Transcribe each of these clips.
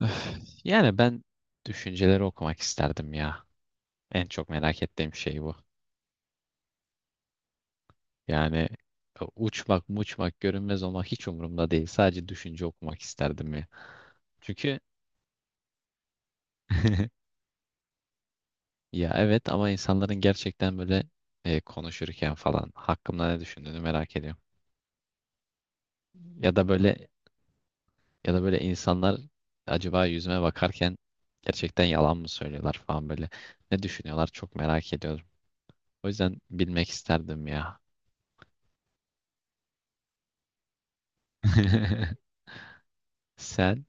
Öf, ben düşünceleri okumak isterdim ya. En çok merak ettiğim şey bu. Yani uçmak, muçmak, görünmez olmak hiç umurumda değil. Sadece düşünce okumak isterdim ya. Çünkü ya evet ama insanların gerçekten böyle konuşurken falan hakkımda ne düşündüğünü merak ediyorum. Ya da böyle ya da böyle insanlar acaba yüzüme bakarken gerçekten yalan mı söylüyorlar falan böyle. Ne düşünüyorlar çok merak ediyorum. O yüzden bilmek isterdim ya. Sen?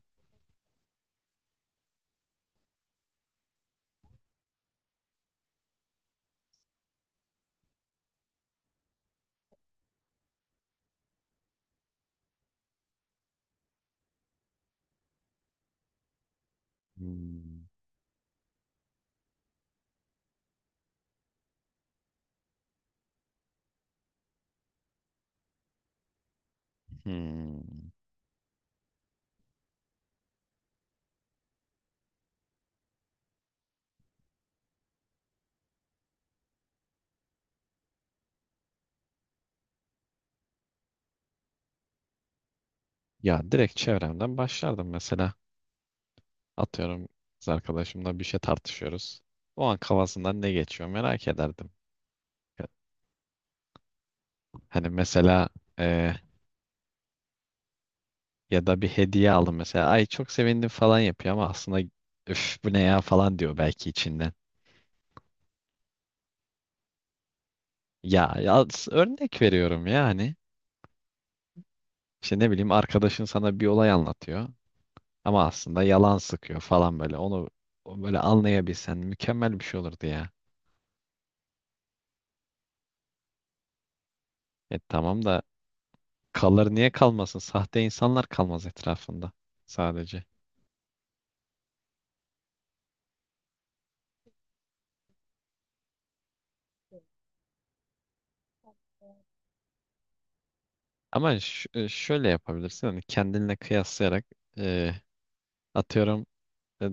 Hmm, hmm. Ya direkt çevremden başlardım mesela. Atıyorum kız arkadaşımla bir şey tartışıyoruz. O an kafasından ne geçiyor merak ederdim. Hani mesela e, ya da bir hediye aldım mesela. Ay çok sevindim falan yapıyor ama aslında üf bu ne ya falan diyor belki içinden. Örnek veriyorum yani. İşte ne bileyim arkadaşın sana bir olay anlatıyor ama aslında yalan sıkıyor falan böyle. Onu böyle anlayabilsen mükemmel bir şey olurdu ya. E tamam da kalır niye kalmasın? Sahte insanlar kalmaz etrafında sadece. Ama şöyle yapabilirsin hani kendinle kıyaslayarak e, atıyorum e,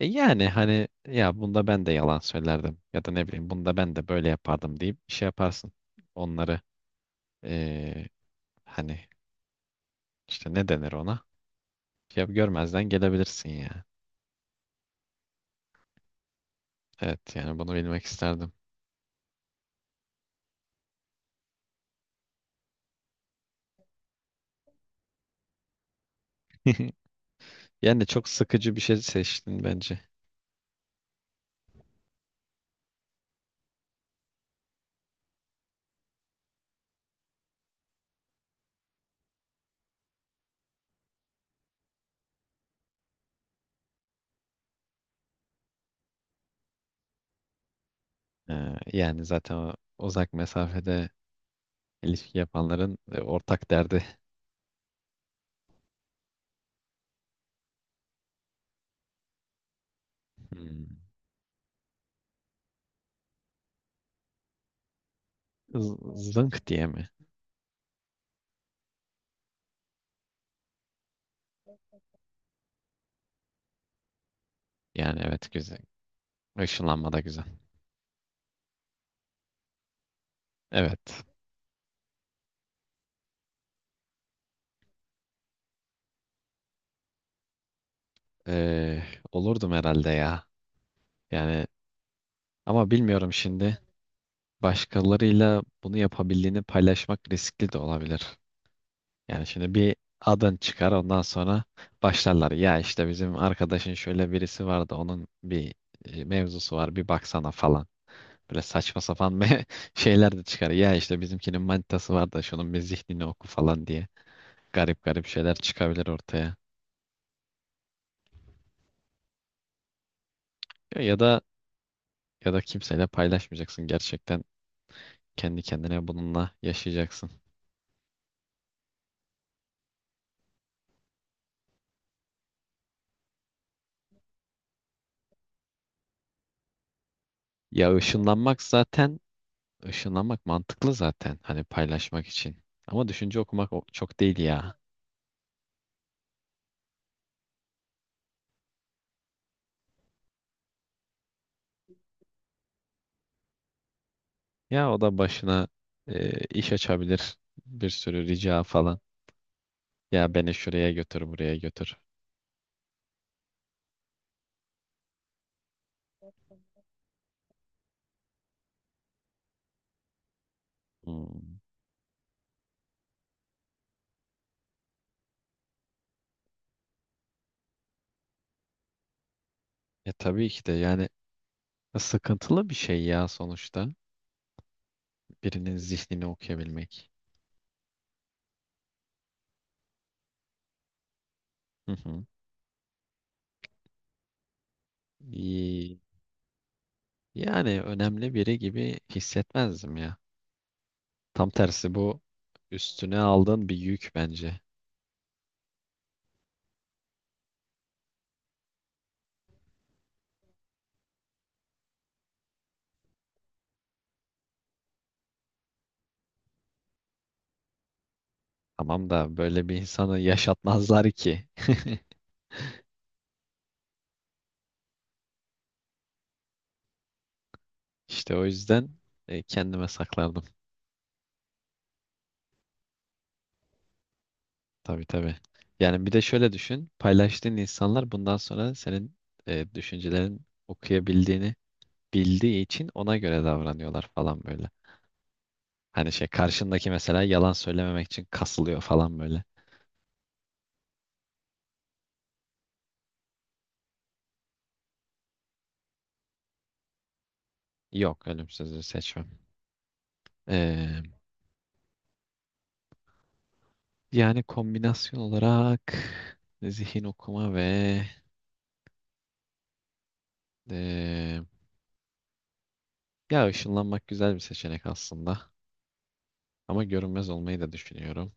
yani hani ya bunda ben de yalan söylerdim ya da ne bileyim bunda ben de böyle yapardım deyip şey yaparsın. Onları e, hani işte ne denir ona? Ya görmezden gelebilirsin ya. Evet yani bunu bilmek isterdim. Yani çok sıkıcı bir şey seçtin bence. Yani zaten uzak mesafede İlişki yapanların ortak derdi. Hmm. Z- Zınk diye mi? Yani evet güzel. Işınlanma da güzel. Evet. Ee, olurdum herhalde ya. Yani ama bilmiyorum şimdi. Başkalarıyla bunu yapabildiğini paylaşmak riskli de olabilir. Yani şimdi bir adın çıkar ondan sonra başlarlar. Ya işte bizim arkadaşın şöyle birisi vardı onun bir mevzusu var bir baksana falan. Böyle saçma sapan bir şeyler de çıkar. Ya işte bizimkinin manitası var da şunun bir zihnini oku falan diye. Garip garip şeyler çıkabilir ortaya. Ya ya da ya da kimseyle paylaşmayacaksın gerçekten. Kendi kendine bununla yaşayacaksın. Ya ışınlanmak zaten ışınlanmak mantıklı zaten hani paylaşmak için. Ama düşünce okumak çok değil ya. Ya o da başına iş açabilir. Bir sürü rica falan. Ya beni şuraya götür, buraya götür. Hmm. E tabii ki de yani, sıkıntılı bir şey ya sonuçta. Birinin zihnini okuyabilmek. Hı hı. İyi. Yani önemli biri gibi hissetmezdim ya. Tam tersi bu üstüne aldığın bir yük bence. Tamam da böyle bir insanı yaşatmazlar ki. İşte o yüzden kendime saklardım. Tabii tabii. Yani bir de şöyle düşün. Paylaştığın insanlar bundan sonra senin düşüncelerin okuyabildiğini bildiği için ona göre davranıyorlar falan böyle. Hani şey karşındaki mesela yalan söylememek için kasılıyor falan böyle. Yok ölüm seçmem. Ee, yani kombinasyon olarak zihin okuma ve ee, ya ışınlanmak güzel bir seçenek aslında. Ama görünmez olmayı da düşünüyorum.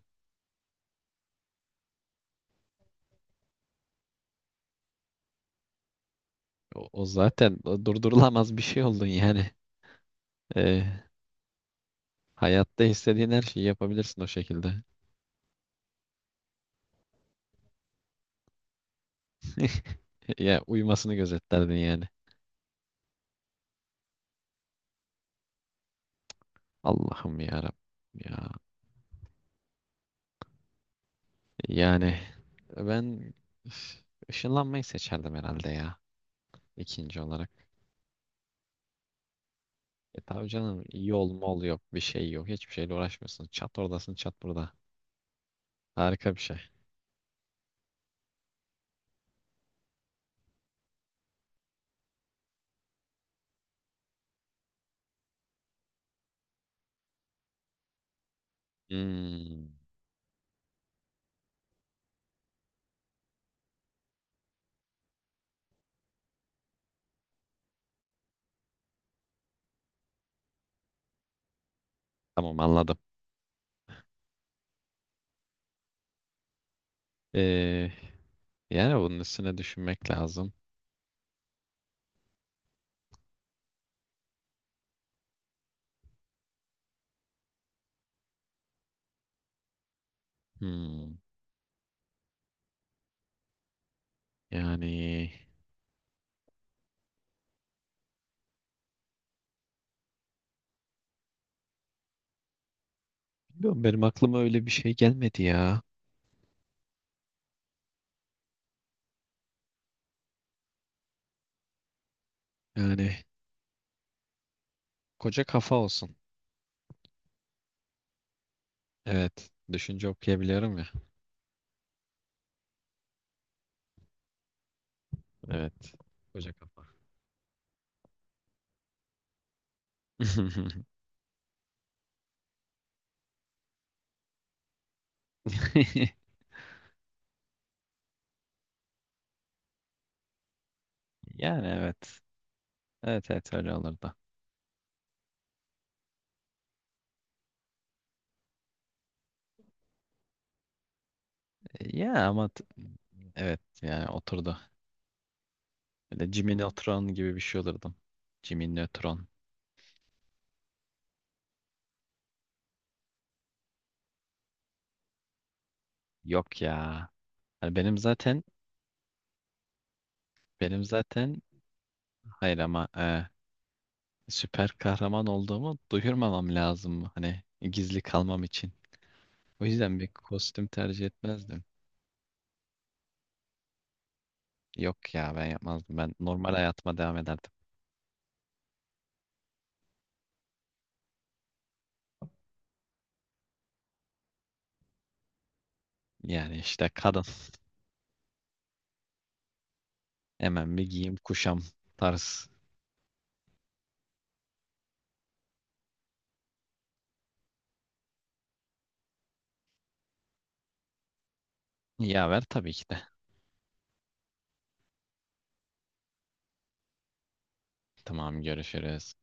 O zaten o durdurulamaz bir şey oldun yani. Ee, hayatta istediğin her şeyi yapabilirsin o şekilde. Ya uyumasını gözetlerdin yani. Allah'ım ya Rabbim ya. Yani ben üf, ışınlanmayı seçerdim herhalde ya ikinci olarak. E tabii canım yol mol yok bir şey yok hiçbir şeyle uğraşmıyorsun. Çat oradasın çat burada. Harika bir şey. Hmm, tamam anladım. Ee, yani bunun üstüne düşünmek lazım. Hmm, yani bilmiyorum benim aklıma öyle bir şey gelmedi ya. Yani koca kafa olsun. Evet düşünce okuyabiliyorum ya. Evet koca kafa. Yani evet. Evet, evet öyle olurdu. E, Ya ama t- evet yani oturdu. Böyle Jimmy Neutron gibi bir şey olurdum. Jimmy Neutron. Yok ya. Hani benim zaten benim zaten hayır ama süper kahraman olduğumu duyurmamam lazım. Hani gizli kalmam için. O yüzden bir kostüm tercih etmezdim. Yok ya ben yapmazdım. Ben normal hayatıma devam ederdim. Yani işte kadın hemen bir giyim kuşam tarz. Yaver tabii ki de. Tamam, görüşürüz.